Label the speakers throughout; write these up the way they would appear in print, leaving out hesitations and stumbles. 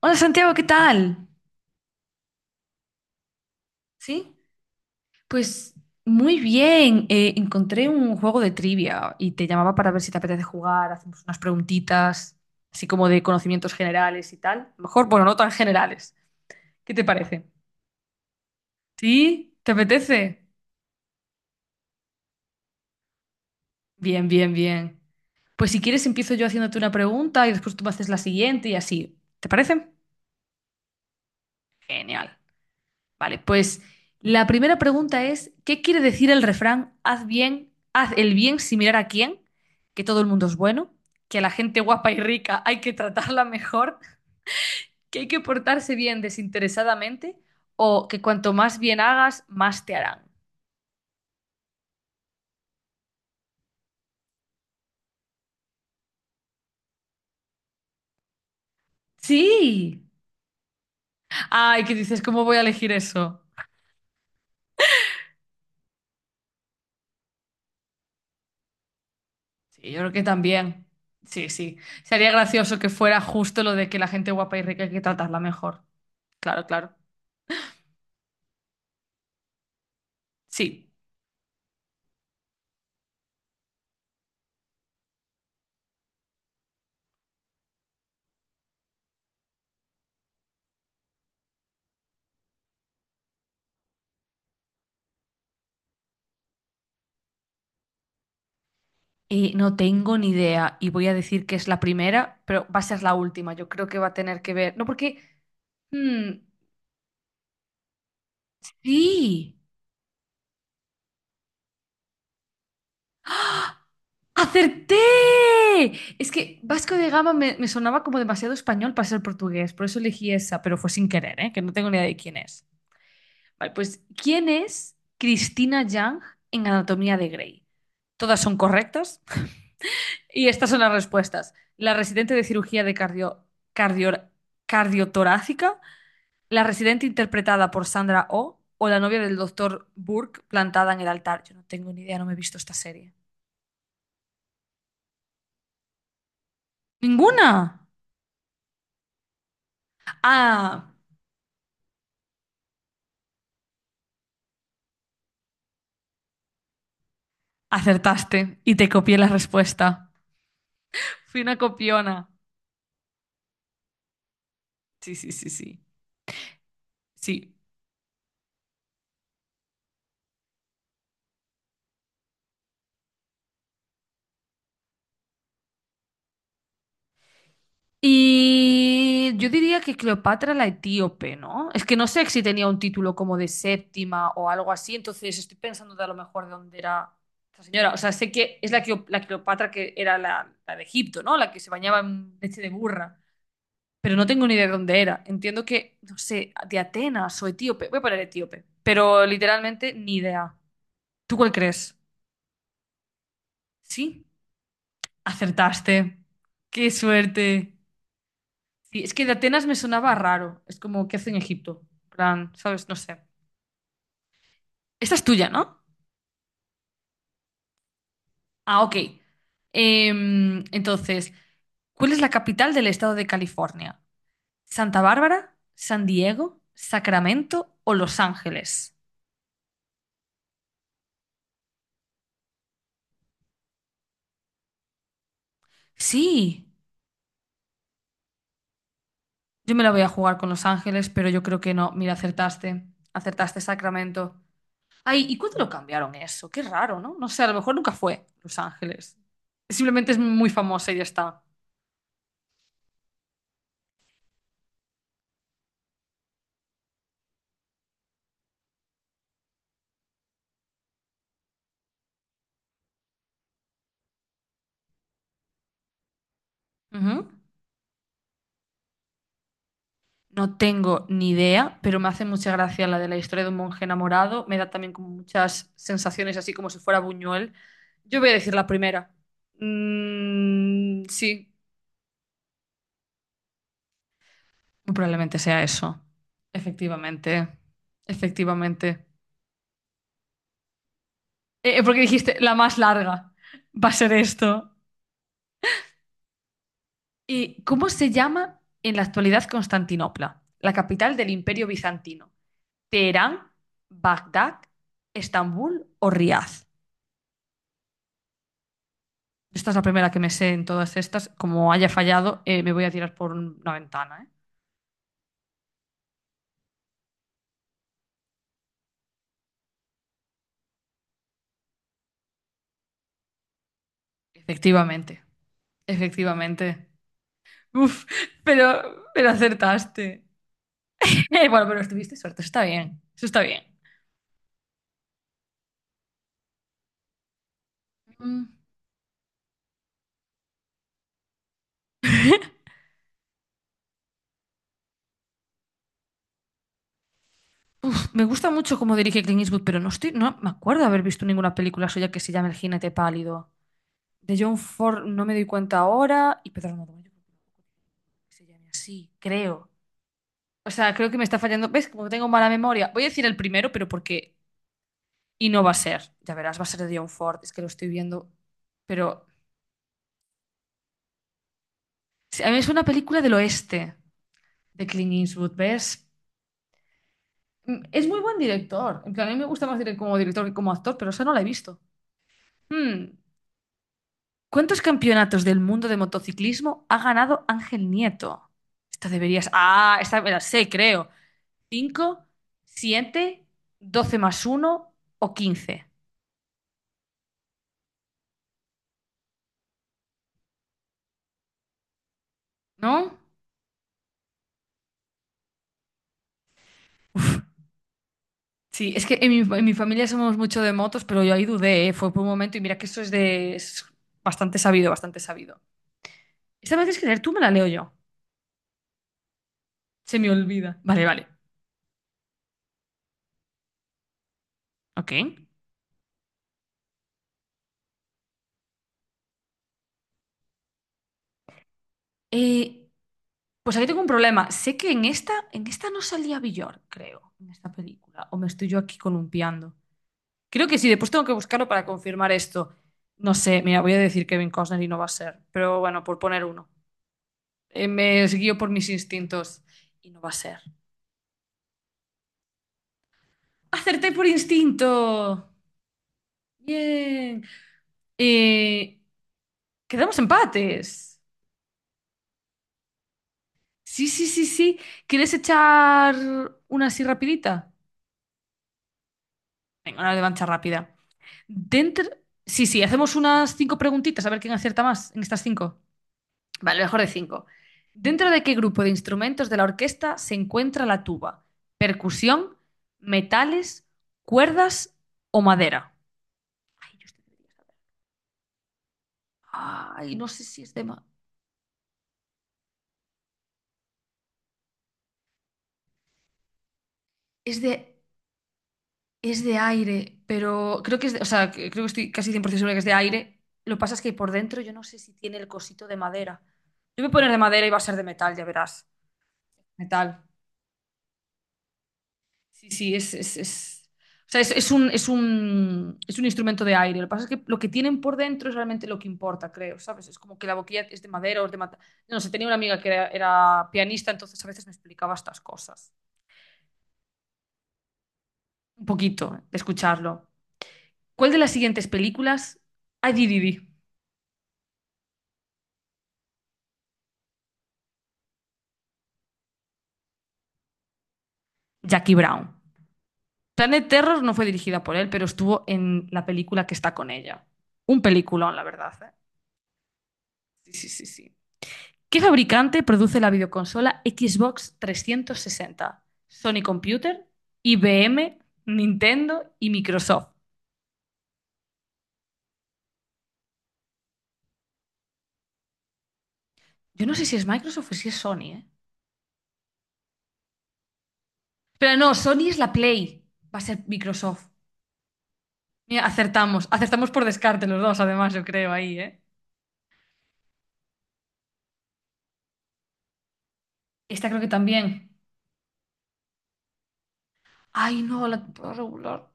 Speaker 1: Hola Santiago, ¿qué tal? ¿Sí? Pues muy bien. Encontré un juego de trivia y te llamaba para ver si te apetece jugar. Hacemos unas preguntitas, así como de conocimientos generales y tal. Mejor, bueno, no tan generales. ¿Qué te parece? ¿Sí? ¿Te apetece? Bien, bien, bien. Pues si quieres empiezo yo haciéndote una pregunta y después tú me haces la siguiente y así. ¿Te parece? Genial. Vale, pues la primera pregunta es, ¿qué quiere decir el refrán "haz bien, haz el bien sin mirar a quién"? ¿Que todo el mundo es bueno, que a la gente guapa y rica hay que tratarla mejor, que hay que portarse bien desinteresadamente o que cuanto más bien hagas, más te harán? Sí. Ay, ¿qué dices? ¿Cómo voy a elegir eso? Sí, yo creo que también. Sí, sí. Sería gracioso que fuera justo lo de que la gente guapa y rica hay que tratarla mejor. Claro, claro. Sí. No tengo ni idea y voy a decir que es la primera, pero va a ser la última. Yo creo que va a tener que ver. No, porque. Mm, ¡sí! ¡Acerté! Es que Vasco de Gama me sonaba como demasiado español para ser portugués, por eso elegí esa, pero fue sin querer, ¿eh? Que no tengo ni idea de quién es. Vale, pues ¿quién es Cristina Yang en Anatomía de Grey? ¿Todas son correctas y estas son las respuestas? ¿La residente de cirugía de cardio- cardiotorácica, la residente interpretada por Sandra Oh o la novia del doctor Burke plantada en el altar? Yo no tengo ni idea, no me he visto esta serie. ¡Ninguna! Ah, acertaste y te copié la respuesta. Fui una copiona. Sí, sí, sí, sí. Sí. Y yo diría que Cleopatra la etíope, ¿no? Es que no sé si tenía un título como de séptima o algo así, entonces estoy pensando de a lo mejor de dónde era esta señora. O sea, sé que es la Cleopatra que era la de Egipto, ¿no? La que se bañaba en leche de burra, pero no tengo ni idea de dónde era. Entiendo que, no sé, de Atenas o etíope. Voy a poner etíope, pero literalmente ni idea. ¿Tú cuál crees? Sí, acertaste. ¡Qué suerte! Sí, es que de Atenas me sonaba raro. Es como, ¿qué hace en Egipto? En plan, ¿sabes? No sé. Esta es tuya, ¿no? Ah, ok. Entonces, ¿cuál es la capital del estado de California? ¿Santa Bárbara, San Diego, Sacramento o Los Ángeles? Sí. Yo me la voy a jugar con Los Ángeles, pero yo creo que no. Mira, acertaste. Acertaste Sacramento. Ay, ¿y cuándo lo cambiaron eso? Qué raro, ¿no? No sé, a lo mejor nunca fue Los Ángeles. Simplemente es muy famosa y ya está. Ujú. No tengo ni idea, pero me hace mucha gracia la de la historia de un monje enamorado. Me da también como muchas sensaciones, así como si fuera Buñuel. Yo voy a decir la primera. Mm, sí, muy probablemente sea eso. Efectivamente, efectivamente. Porque dijiste, la más larga va a ser esto. ¿Y cómo se llama en la actualidad Constantinopla, la capital del Imperio Bizantino? ¿Teherán, Bagdad, Estambul o Riad? Esta es la primera que me sé en todas estas. Como haya fallado, me voy a tirar por una ventana, ¿eh? Efectivamente, efectivamente. Uf, pero, pero acertaste. Bueno, pero estuviste suerte, eso está bien, eso está bien. Mm. Me gusta mucho cómo dirige Clint Eastwood, pero no estoy, no me acuerdo de haber visto ninguna película suya que se llame El jinete pálido. De John Ford no me doy cuenta ahora y Pedro Almodóvar yo creo que tampoco se llame así, creo. O sea, creo que me está fallando. ¿Ves? Como tengo mala memoria. Voy a decir el primero, pero porque. Y no va a ser. Ya verás, va a ser de John Ford. Es que lo estoy viendo. Pero sí, a mí es una película del oeste de Clint Eastwood, ¿ves? Mm. Es muy buen director. En plan, a mí me gusta más como director que como actor, pero esa no la he visto. Hmm. ¿Cuántos campeonatos del mundo de motociclismo ha ganado Ángel Nieto? Esta deberías. Ah, esta me la sé, creo. ¿Cinco, siete, doce más uno o quince? ¿No? Sí, es que en mi familia somos mucho de motos, pero yo ahí dudé, ¿eh? Fue por un momento y mira que eso es de. Es bastante sabido, bastante sabido. Esta vez es que leer tú me la leo yo. Se me olvida. Vale, vale. Ok. Eh, Pues aquí tengo un problema. Sé que en esta no salía Villor, creo, en esta película. O me estoy yo aquí columpiando. Creo que sí, después tengo que buscarlo para confirmar esto. No sé, mira, voy a decir Kevin Costner y no va a ser. Pero bueno, por poner uno. Me guío por mis instintos y no va a ser. ¡Acerté por instinto! Bien. Eh, quedamos empates. Sí, sí, sí, sí. ¿Quieres echar una así rapidita? Venga, una revancha rápida. Dentro. Sí, sí, hacemos unas cinco preguntitas a ver quién acierta más en estas cinco. Vale, mejor de cinco. ¿Dentro de qué grupo de instrumentos de la orquesta se encuentra la tuba? ¿Percusión, metales, cuerdas o madera? Ay, yo estoy- Ay, no sé si es de. Es de, es de aire, pero creo que o sea, creo que estoy casi 100% segura que es de aire. Lo que pasa es que por dentro yo no sé si tiene el cosito de madera. Yo voy a poner de madera y va a ser de metal, ya verás. Metal. Sí, sí, o sea, es un instrumento de aire. Lo que pasa es que lo que tienen por dentro es realmente lo que importa, creo, ¿sabes? Es como que la boquilla es de madera o es de mata. No sé, tenía una amiga que era pianista, entonces a veces me explicaba estas cosas. Un poquito, de escucharlo. ¿Cuál de las siguientes películas? Ay, di, di, di. Jackie Brown. Planet Terror no fue dirigida por él, pero estuvo en la película que está con ella. Un peliculón, la verdad, ¿eh? Sí, sí, sí, sí. ¿Qué fabricante produce la videoconsola Xbox 360? ¿Sony Computer, IBM, Nintendo y Microsoft? Yo no sé si es Microsoft o si es Sony, ¿eh? Pero no, Sony es la Play. Va a ser Microsoft. Mira, acertamos. Acertamos por descarte los dos, además, yo creo, ahí, ¿eh? Esta creo que también. Ay, no, la puedo regular.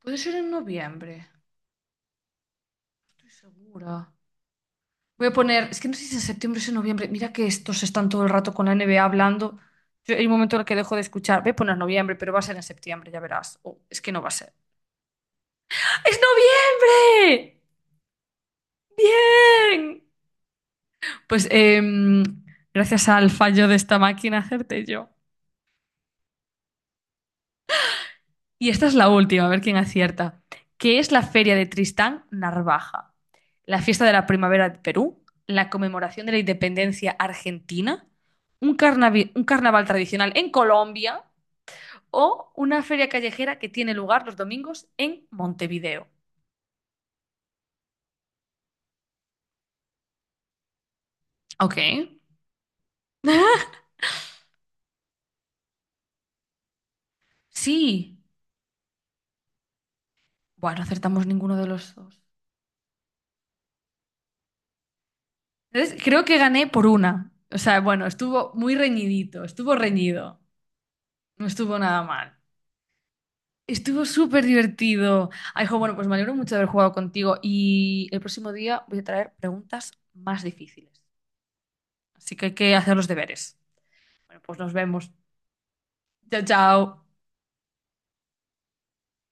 Speaker 1: Puede ser en noviembre. Estoy segura. Voy a poner, es que no sé si es en septiembre o es en noviembre. Mira que estos están todo el rato con la NBA hablando. Hay un momento en el que dejo de escuchar. Voy a poner noviembre, pero va a ser en septiembre, ya verás. O es que no va a ser. ¡Es noviembre! ¡Bien! Pues gracias al fallo de esta máquina acerté yo. Y esta es la última, a ver quién acierta. ¿Qué es la Feria de Tristán Narvaja? ¿La fiesta de la primavera de Perú? ¿La conmemoración de la independencia argentina? ¿Un carnaval tradicional en Colombia? ¿O una feria callejera que tiene lugar los domingos en Montevideo? Ok. Sí. Bueno, no acertamos ninguno de los dos. Entonces, creo que gané por una. O sea, bueno, estuvo muy reñidito, estuvo reñido. No estuvo nada mal. Estuvo súper divertido. Ay, jo, bueno, pues me alegro mucho de haber jugado contigo y el próximo día voy a traer preguntas más difíciles. Así que hay que hacer los deberes. Bueno, pues nos vemos. Chao, chao.